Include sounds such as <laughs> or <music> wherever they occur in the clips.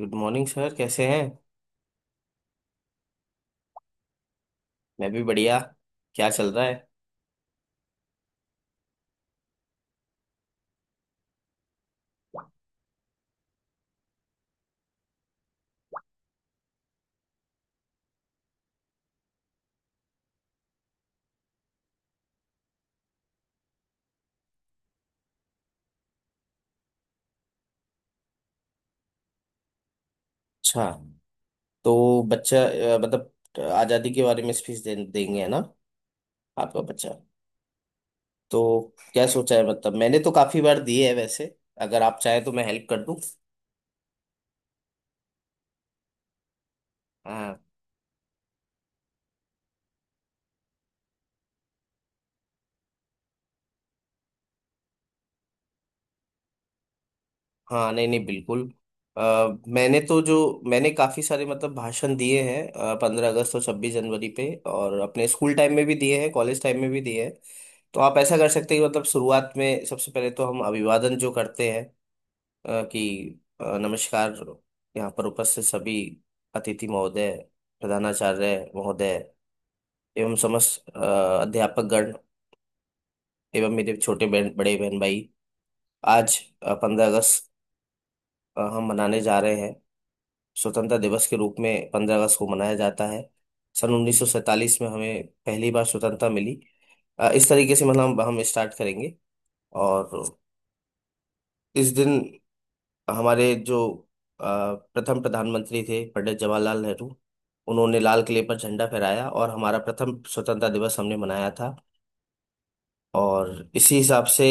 Good morning sir, कैसे हैं। मैं भी बढ़िया। क्या चल रहा है। अच्छा, तो बच्चा मतलब आज़ादी के बारे में देंगे, है ना, आपका बच्चा। तो क्या सोचा है, मतलब मैंने तो काफ़ी बार दिए है वैसे। अगर आप चाहें तो मैं हेल्प कर दूं। हाँ हाँ। नहीं नहीं, बिल्कुल। अ, मैंने तो जो मैंने काफ़ी सारे मतलब भाषण दिए हैं 15 अगस्त और 26 जनवरी पे। और अपने स्कूल टाइम में भी दिए हैं, कॉलेज टाइम में भी दिए हैं। तो आप ऐसा कर सकते हैं कि मतलब शुरुआत में सबसे पहले तो हम अभिवादन जो करते हैं, कि नमस्कार, यहाँ पर उपस्थित सभी अतिथि महोदय, प्रधानाचार्य महोदय एवं समस्त अध्यापकगण एवं मेरे छोटे बहन बड़े बहन भाई। आज पंद्रह अगस्त हम मनाने जा रहे हैं। स्वतंत्रता दिवस के रूप में 15 अगस्त को मनाया जाता है। सन 1947 में हमें पहली बार स्वतंत्रता मिली। इस तरीके से मतलब हम स्टार्ट करेंगे। और इस दिन हमारे जो अ, प्रथम प्रधानमंत्री थे पंडित जवाहरलाल नेहरू, उन्होंने लाल किले पर झंडा फहराया और हमारा प्रथम स्वतंत्रता दिवस हमने मनाया था। और इसी हिसाब से,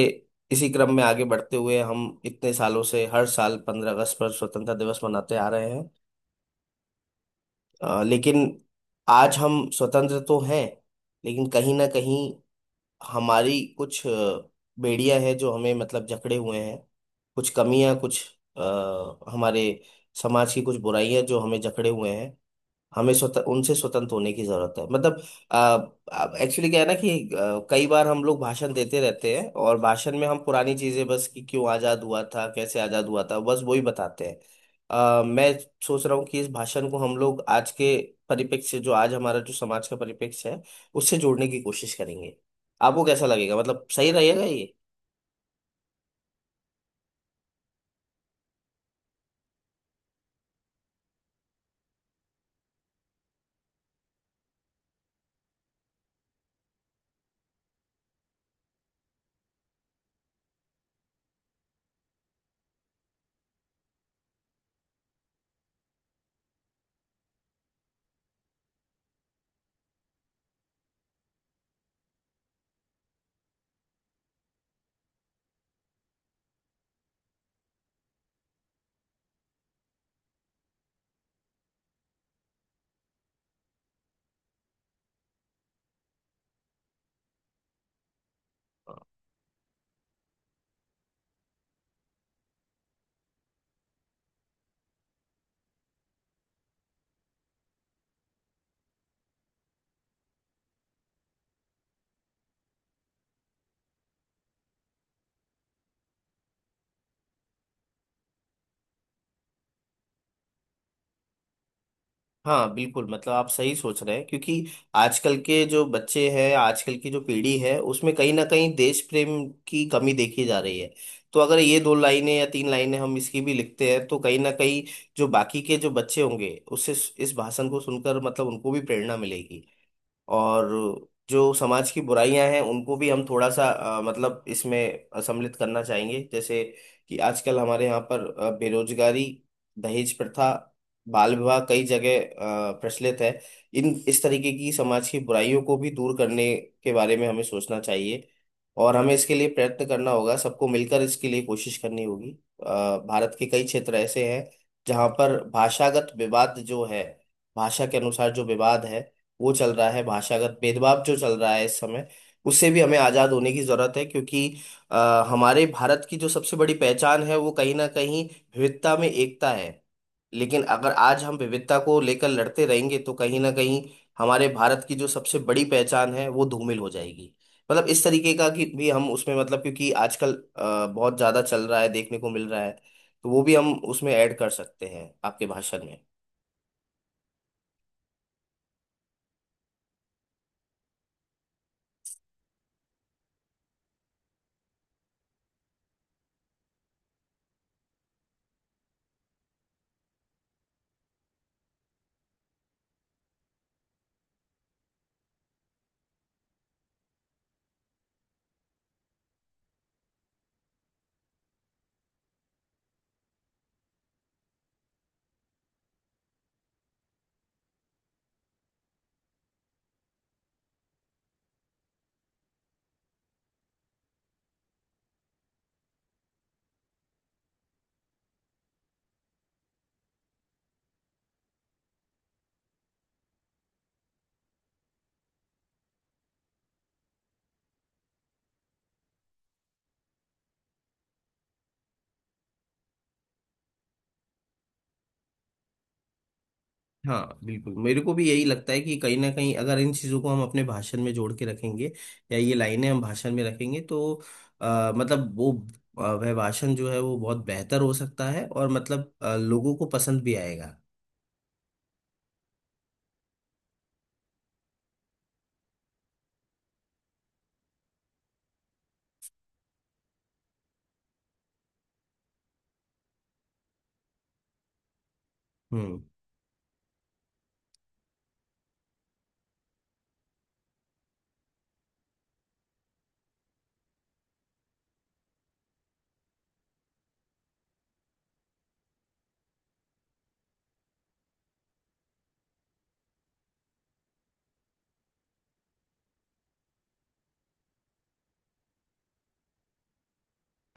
इसी क्रम में आगे बढ़ते हुए हम इतने सालों से हर साल 15 अगस्त पर स्वतंत्रता दिवस मनाते आ रहे हैं। लेकिन आज हम स्वतंत्र तो हैं, लेकिन कहीं ना कहीं हमारी कुछ बेड़ियां हैं जो हमें मतलब जकड़े हुए हैं। कुछ कमियां, कुछ हमारे समाज की कुछ बुराइयां जो हमें जकड़े हुए हैं। हमें स्वतः उनसे स्वतंत्र होने की जरूरत है। मतलब एक्चुअली क्या है ना कि कई बार हम लोग भाषण देते रहते हैं और भाषण में हम पुरानी चीजें बस कि क्यों आजाद हुआ था, कैसे आजाद हुआ था, बस वही बताते हैं। मैं सोच रहा हूँ कि इस भाषण को हम लोग आज के परिप्रेक्ष्य से, जो आज हमारा जो समाज का परिप्रेक्ष्य है, उससे जोड़ने की कोशिश करेंगे। आपको कैसा लगेगा, मतलब सही रहेगा। हाँ बिल्कुल, मतलब आप सही सोच रहे हैं, क्योंकि आजकल के जो बच्चे हैं, आजकल की जो पीढ़ी है, उसमें कहीं ना कहीं देश प्रेम की कमी देखी जा रही है। तो अगर ये दो लाइनें या तीन लाइनें हम इसकी भी लिखते हैं तो कहीं ना कहीं जो बाकी के जो बच्चे होंगे, उससे इस भाषण को सुनकर मतलब उनको भी प्रेरणा मिलेगी। और जो समाज की बुराइयां हैं उनको भी हम थोड़ा सा मतलब इसमें सम्मिलित करना चाहेंगे, जैसे कि आजकल हमारे यहाँ पर बेरोजगारी, दहेज प्रथा, बाल विवाह कई जगह प्रचलित है। इन इस तरीके की समाज की बुराइयों को भी दूर करने के बारे में हमें सोचना चाहिए, और हमें इसके लिए प्रयत्न करना होगा, सबको मिलकर इसके लिए कोशिश करनी होगी। अ, भारत के कई क्षेत्र ऐसे हैं जहाँ पर भाषागत विवाद जो है, भाषा के अनुसार जो विवाद है वो चल रहा है, भाषागत भेदभाव जो चल रहा है इस समय, उससे भी हमें आजाद होने की जरूरत है। क्योंकि हमारे भारत की जो सबसे बड़ी पहचान है वो कहीं ना कहीं विविधता में एकता है। लेकिन अगर आज हम विविधता को लेकर लड़ते रहेंगे तो कहीं ना कहीं हमारे भारत की जो सबसे बड़ी पहचान है वो धूमिल हो जाएगी। मतलब इस तरीके का कि भी हम उसमें मतलब, क्योंकि आजकल बहुत ज्यादा चल रहा है, देखने को मिल रहा है, तो वो भी हम उसमें ऐड कर सकते हैं आपके भाषण में। हाँ बिल्कुल, मेरे को भी यही लगता है कि कहीं ना कहीं अगर इन चीज़ों को हम अपने भाषण में जोड़ के रखेंगे या ये लाइनें हम भाषण में रखेंगे तो मतलब वो वह भाषण जो है वो बहुत बेहतर हो सकता है और मतलब लोगों को पसंद भी आएगा। हम्म।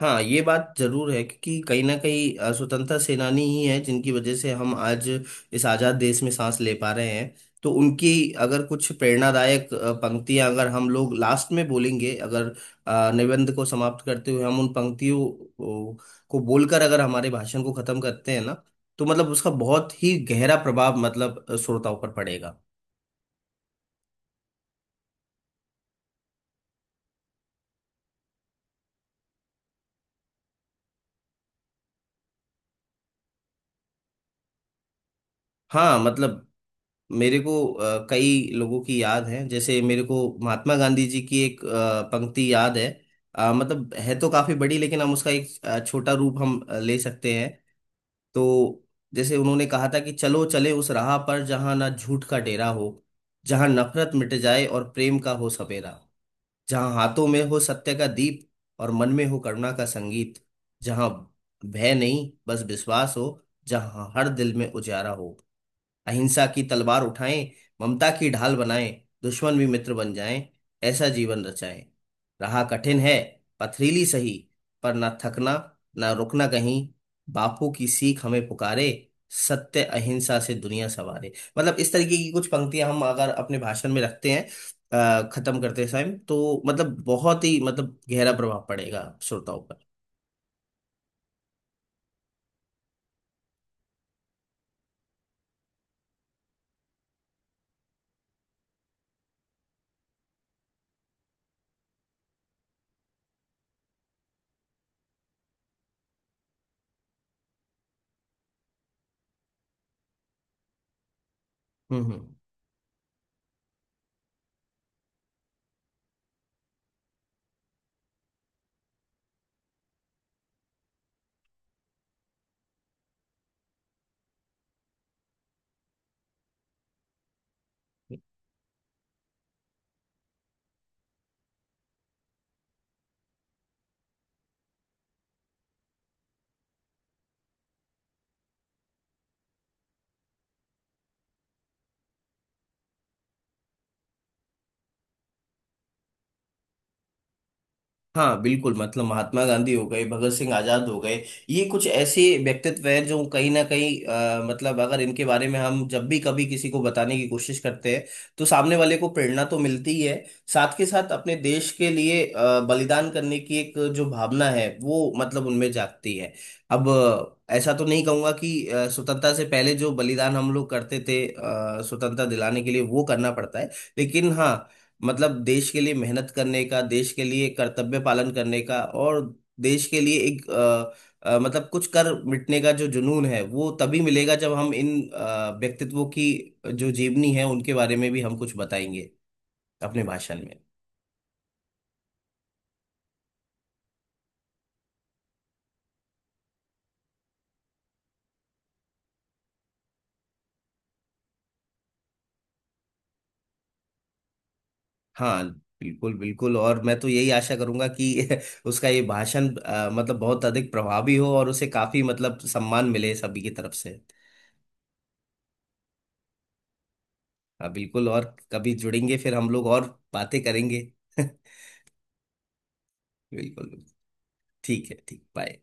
हाँ ये बात जरूर है, क्योंकि कहीं ना कहीं स्वतंत्रता सेनानी ही है जिनकी वजह से हम आज इस आजाद देश में सांस ले पा रहे हैं। तो उनकी अगर कुछ प्रेरणादायक पंक्तियां अगर हम लोग लास्ट में बोलेंगे, अगर निबंध को समाप्त करते हुए हम उन पंक्तियों ओ, को बोलकर अगर हमारे भाषण को खत्म करते हैं ना, तो मतलब उसका बहुत ही गहरा प्रभाव मतलब श्रोताओं पर पड़ेगा। हाँ मतलब मेरे को कई लोगों की याद है, जैसे मेरे को महात्मा गांधी जी की एक पंक्ति याद है। मतलब है तो काफी बड़ी, लेकिन हम उसका एक छोटा रूप हम ले सकते हैं। तो जैसे उन्होंने कहा था कि चलो चले उस राह पर जहां ना झूठ का डेरा हो, जहां नफरत मिट जाए और प्रेम का हो सवेरा, जहां हाथों में हो सत्य का दीप और मन में हो करुणा का संगीत, जहां भय नहीं बस विश्वास हो, जहां हर दिल में उजाला हो, अहिंसा की तलवार उठाएं, ममता की ढाल बनाएं, दुश्मन भी मित्र बन जाएं, ऐसा जीवन रचाएं, राह कठिन है पथरीली सही, पर ना थकना, ना रुकना कहीं, बापू की सीख हमें पुकारे, सत्य अहिंसा से दुनिया संवारे। मतलब इस तरीके की कुछ पंक्तियां हम अगर अपने भाषण में रखते हैं खत्म करते समय, तो मतलब बहुत ही मतलब गहरा प्रभाव पड़ेगा श्रोताओं पर। हम्म। हाँ बिल्कुल, मतलब महात्मा गांधी हो गए, भगत सिंह आजाद हो गए, ये कुछ ऐसे व्यक्तित्व हैं जो कहीं ना कहीं मतलब अगर इनके बारे में हम जब भी कभी किसी को बताने की कोशिश करते हैं तो सामने वाले को प्रेरणा तो मिलती ही है। साथ के साथ अपने देश के लिए बलिदान करने की एक जो भावना है वो मतलब उनमें जागती है। अब ऐसा तो नहीं कहूंगा कि स्वतंत्रता से पहले जो बलिदान हम लोग करते थे स्वतंत्रता दिलाने के लिए वो करना पड़ता है। लेकिन हाँ, मतलब देश के लिए मेहनत करने का, देश के लिए कर्तव्य पालन करने का, और देश के लिए एक मतलब कुछ कर मिटने का जो जुनून है वो तभी मिलेगा जब हम इन व्यक्तित्वों की जो जीवनी है उनके बारे में भी हम कुछ बताएंगे अपने भाषण में। हाँ बिल्कुल बिल्कुल, और मैं तो यही आशा करूंगा कि <laughs> उसका ये भाषण मतलब बहुत अधिक प्रभावी हो और उसे काफी मतलब सम्मान मिले सभी की तरफ से। हाँ बिल्कुल, और कभी जुड़ेंगे फिर हम लोग और बातें करेंगे। <laughs> बिल्कुल। ठीक है, ठीक, बाय।